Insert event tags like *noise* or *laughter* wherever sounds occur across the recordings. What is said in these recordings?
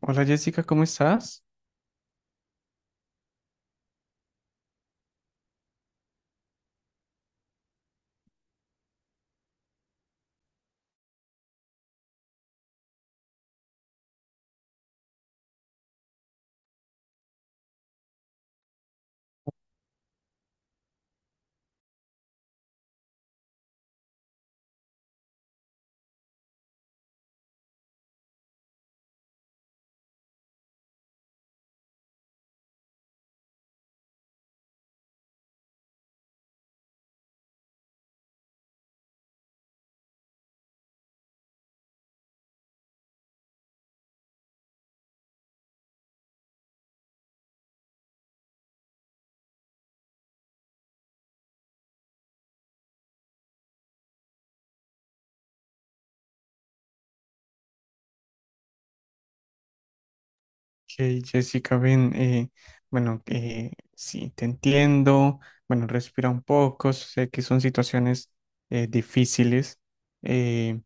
Hola Jessica, ¿cómo estás? Ok, Jessica, ven, bueno, sí, te entiendo, bueno, respira un poco, sé que son situaciones difíciles. eh,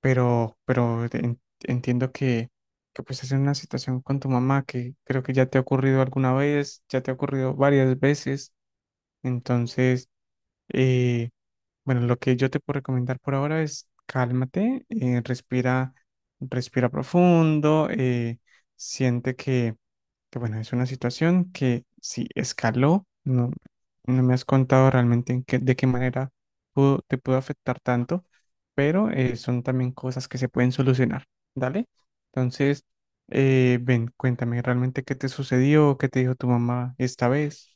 entiendo que pues es una situación con tu mamá que creo que ya te ha ocurrido alguna vez, ya te ha ocurrido varias veces, entonces, eh, bueno, lo que yo te puedo recomendar por ahora es cálmate, respira, respira profundo, siente que, bueno, es una situación que sí escaló. No, no me has contado realmente de qué manera te pudo afectar tanto, pero son también cosas que se pueden solucionar, ¿dale? Entonces, ven, cuéntame realmente qué te sucedió, qué te dijo tu mamá esta vez.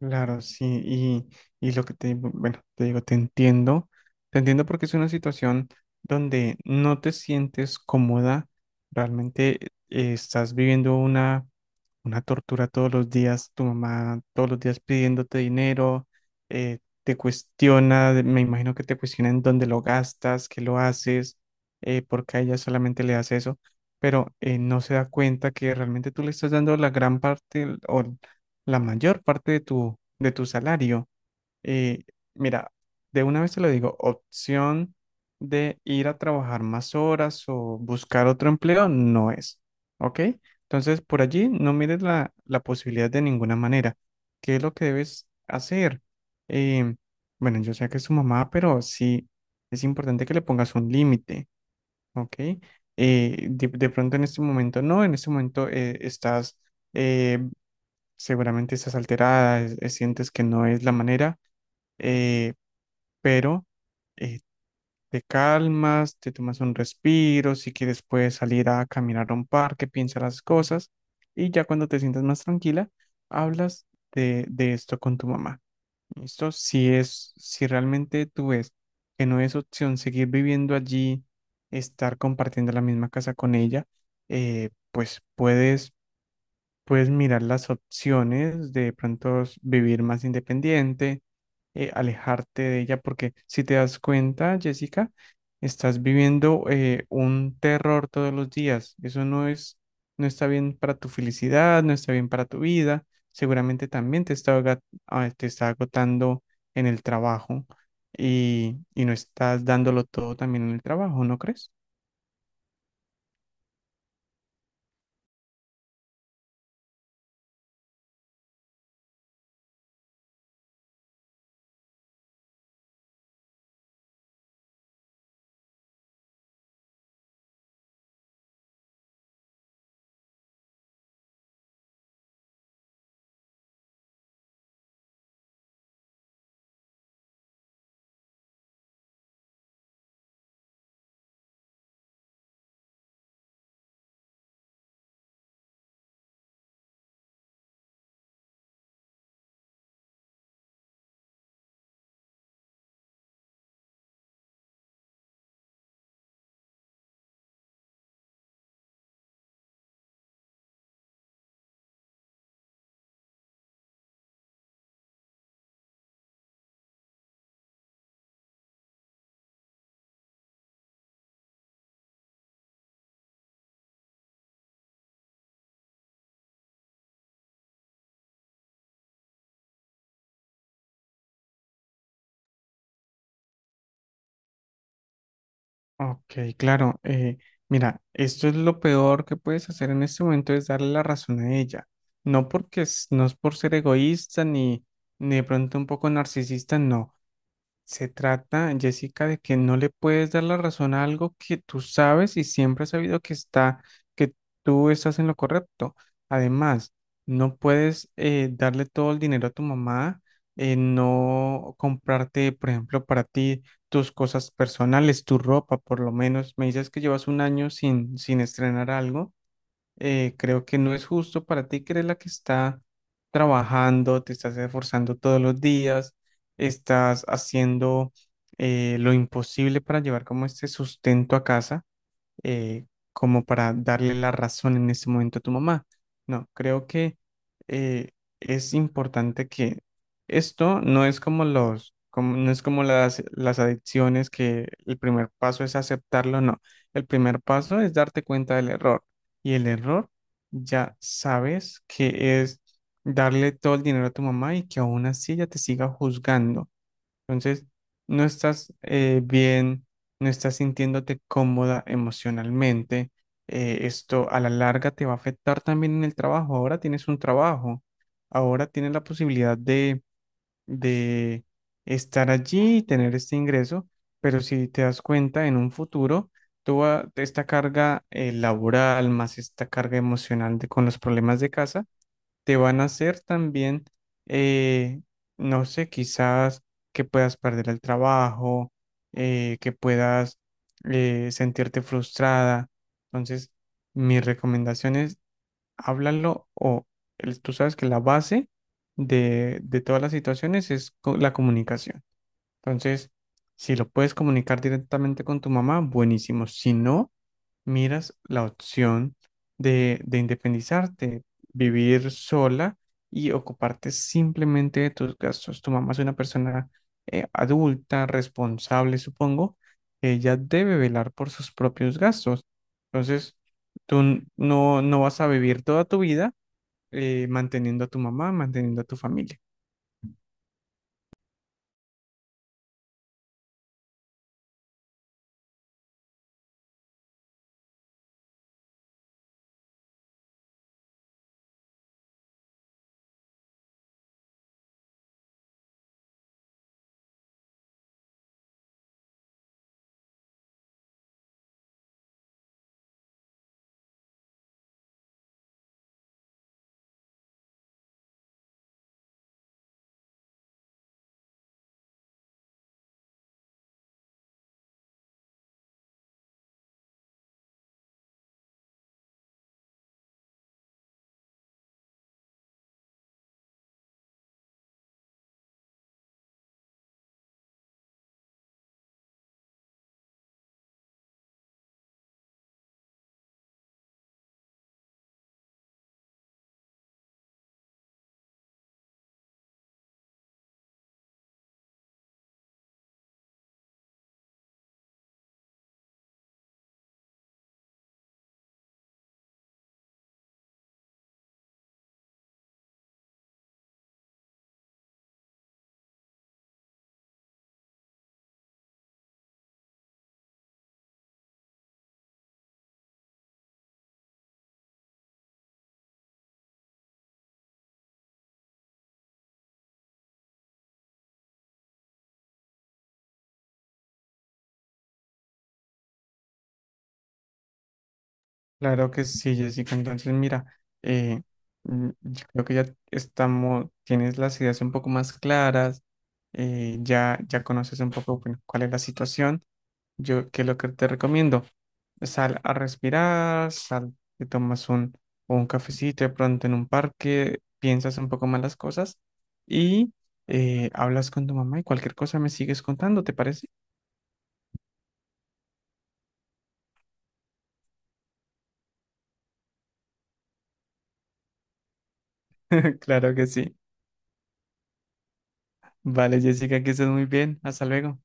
Claro, sí, y lo que te digo, bueno, te digo, te entiendo porque es una situación donde no te sientes cómoda, realmente estás viviendo una tortura todos los días, tu mamá todos los días pidiéndote dinero. eh, Te cuestiona, me imagino que te cuestiona en dónde lo gastas, qué lo haces, porque a ella solamente le das eso, pero no se da cuenta que realmente tú le estás dando la gran parte o la mayor parte de tu salario. Eh, Mira, de una vez te lo digo, opción de ir a trabajar más horas o buscar otro empleo no es, ¿ok? Entonces, por allí no mires la, la posibilidad de ninguna manera. ¿Qué es lo que debes hacer? Em, bueno, yo sé que es tu mamá, pero sí es importante que le pongas un límite, ¿ok? De pronto en este momento no, en este momento estás... eh, seguramente estás alterada, sientes que no es la manera, eh, pero eh, te calmas, te tomas un respiro, si quieres puedes salir a caminar a un parque, piensa las cosas y ya cuando te sientas más tranquila, hablas de esto con tu mamá. ¿Listo? Si es, si realmente tú ves que no es opción seguir viviendo allí, estar compartiendo la misma casa con ella, pues puedes mirar las opciones de pronto vivir más independiente, alejarte de ella, porque si te das cuenta, Jessica, estás viviendo un terror todos los días. Eso no es, no está bien para tu felicidad, no está bien para tu vida. Seguramente también te está, te está agotando en el trabajo y no estás dándolo todo también en el trabajo, ¿no crees? Ok, claro. Mira, esto es lo peor que puedes hacer en este momento es darle la razón a ella. No porque no es por ser egoísta ni, ni de pronto un poco narcisista, no. Se trata, Jessica, de que no le puedes dar la razón a algo que tú sabes y siempre has sabido que está, que tú estás en lo correcto. Además, no puedes darle todo el dinero a tu mamá, no comprarte, por ejemplo, para ti tus cosas personales, tu ropa, por lo menos. Me dices que llevas un año sin, sin estrenar algo. Creo que no es justo para ti, que eres la que está trabajando, te estás esforzando todos los días, estás haciendo lo imposible para llevar como este sustento a casa eh, como para darle la razón en ese momento a tu mamá. No, creo que eh, es importante que esto no es como los, como, no es como las adicciones que el primer paso es aceptarlo, no. El primer paso es darte cuenta del error, y el error ya sabes que es darle todo el dinero a tu mamá y que aún así ella te siga juzgando. Entonces, no estás bien, no estás sintiéndote cómoda emocionalmente. Esto a la larga te va a afectar también en el trabajo. Ahora tienes un trabajo, ahora tienes la posibilidad de estar allí y tener este ingreso, pero si te das cuenta en un futuro, esta carga laboral más esta carga emocional de, con los problemas de casa te van a hacer también, eh, no sé, quizás que puedas perder el trabajo, que puedas sentirte frustrada. Entonces, mi recomendación es háblalo o tú sabes que la base de todas las situaciones es la comunicación. Entonces, si lo puedes comunicar directamente con tu mamá, buenísimo. Si no, miras la opción de independizarte, vivir sola y ocuparte simplemente de tus gastos. Tu mamá es una persona adulta, responsable, supongo. Ella debe velar por sus propios gastos. Entonces, no, no vas a vivir toda tu vida manteniendo a tu mamá, manteniendo a tu familia. Claro que sí, Jessica. Entonces, mira, eh, yo creo que ya estamos, tienes las ideas un poco más claras, ya, ya conoces un poco, bueno, cuál es la situación. Yo, ¿qué es lo que te recomiendo? Sal a respirar, sal, te tomas un cafecito de pronto en un parque, piensas un poco más las cosas y hablas con tu mamá y cualquier cosa me sigues contando, ¿te parece? *laughs* Claro que sí. Vale, Jessica, que estés muy bien. Hasta luego.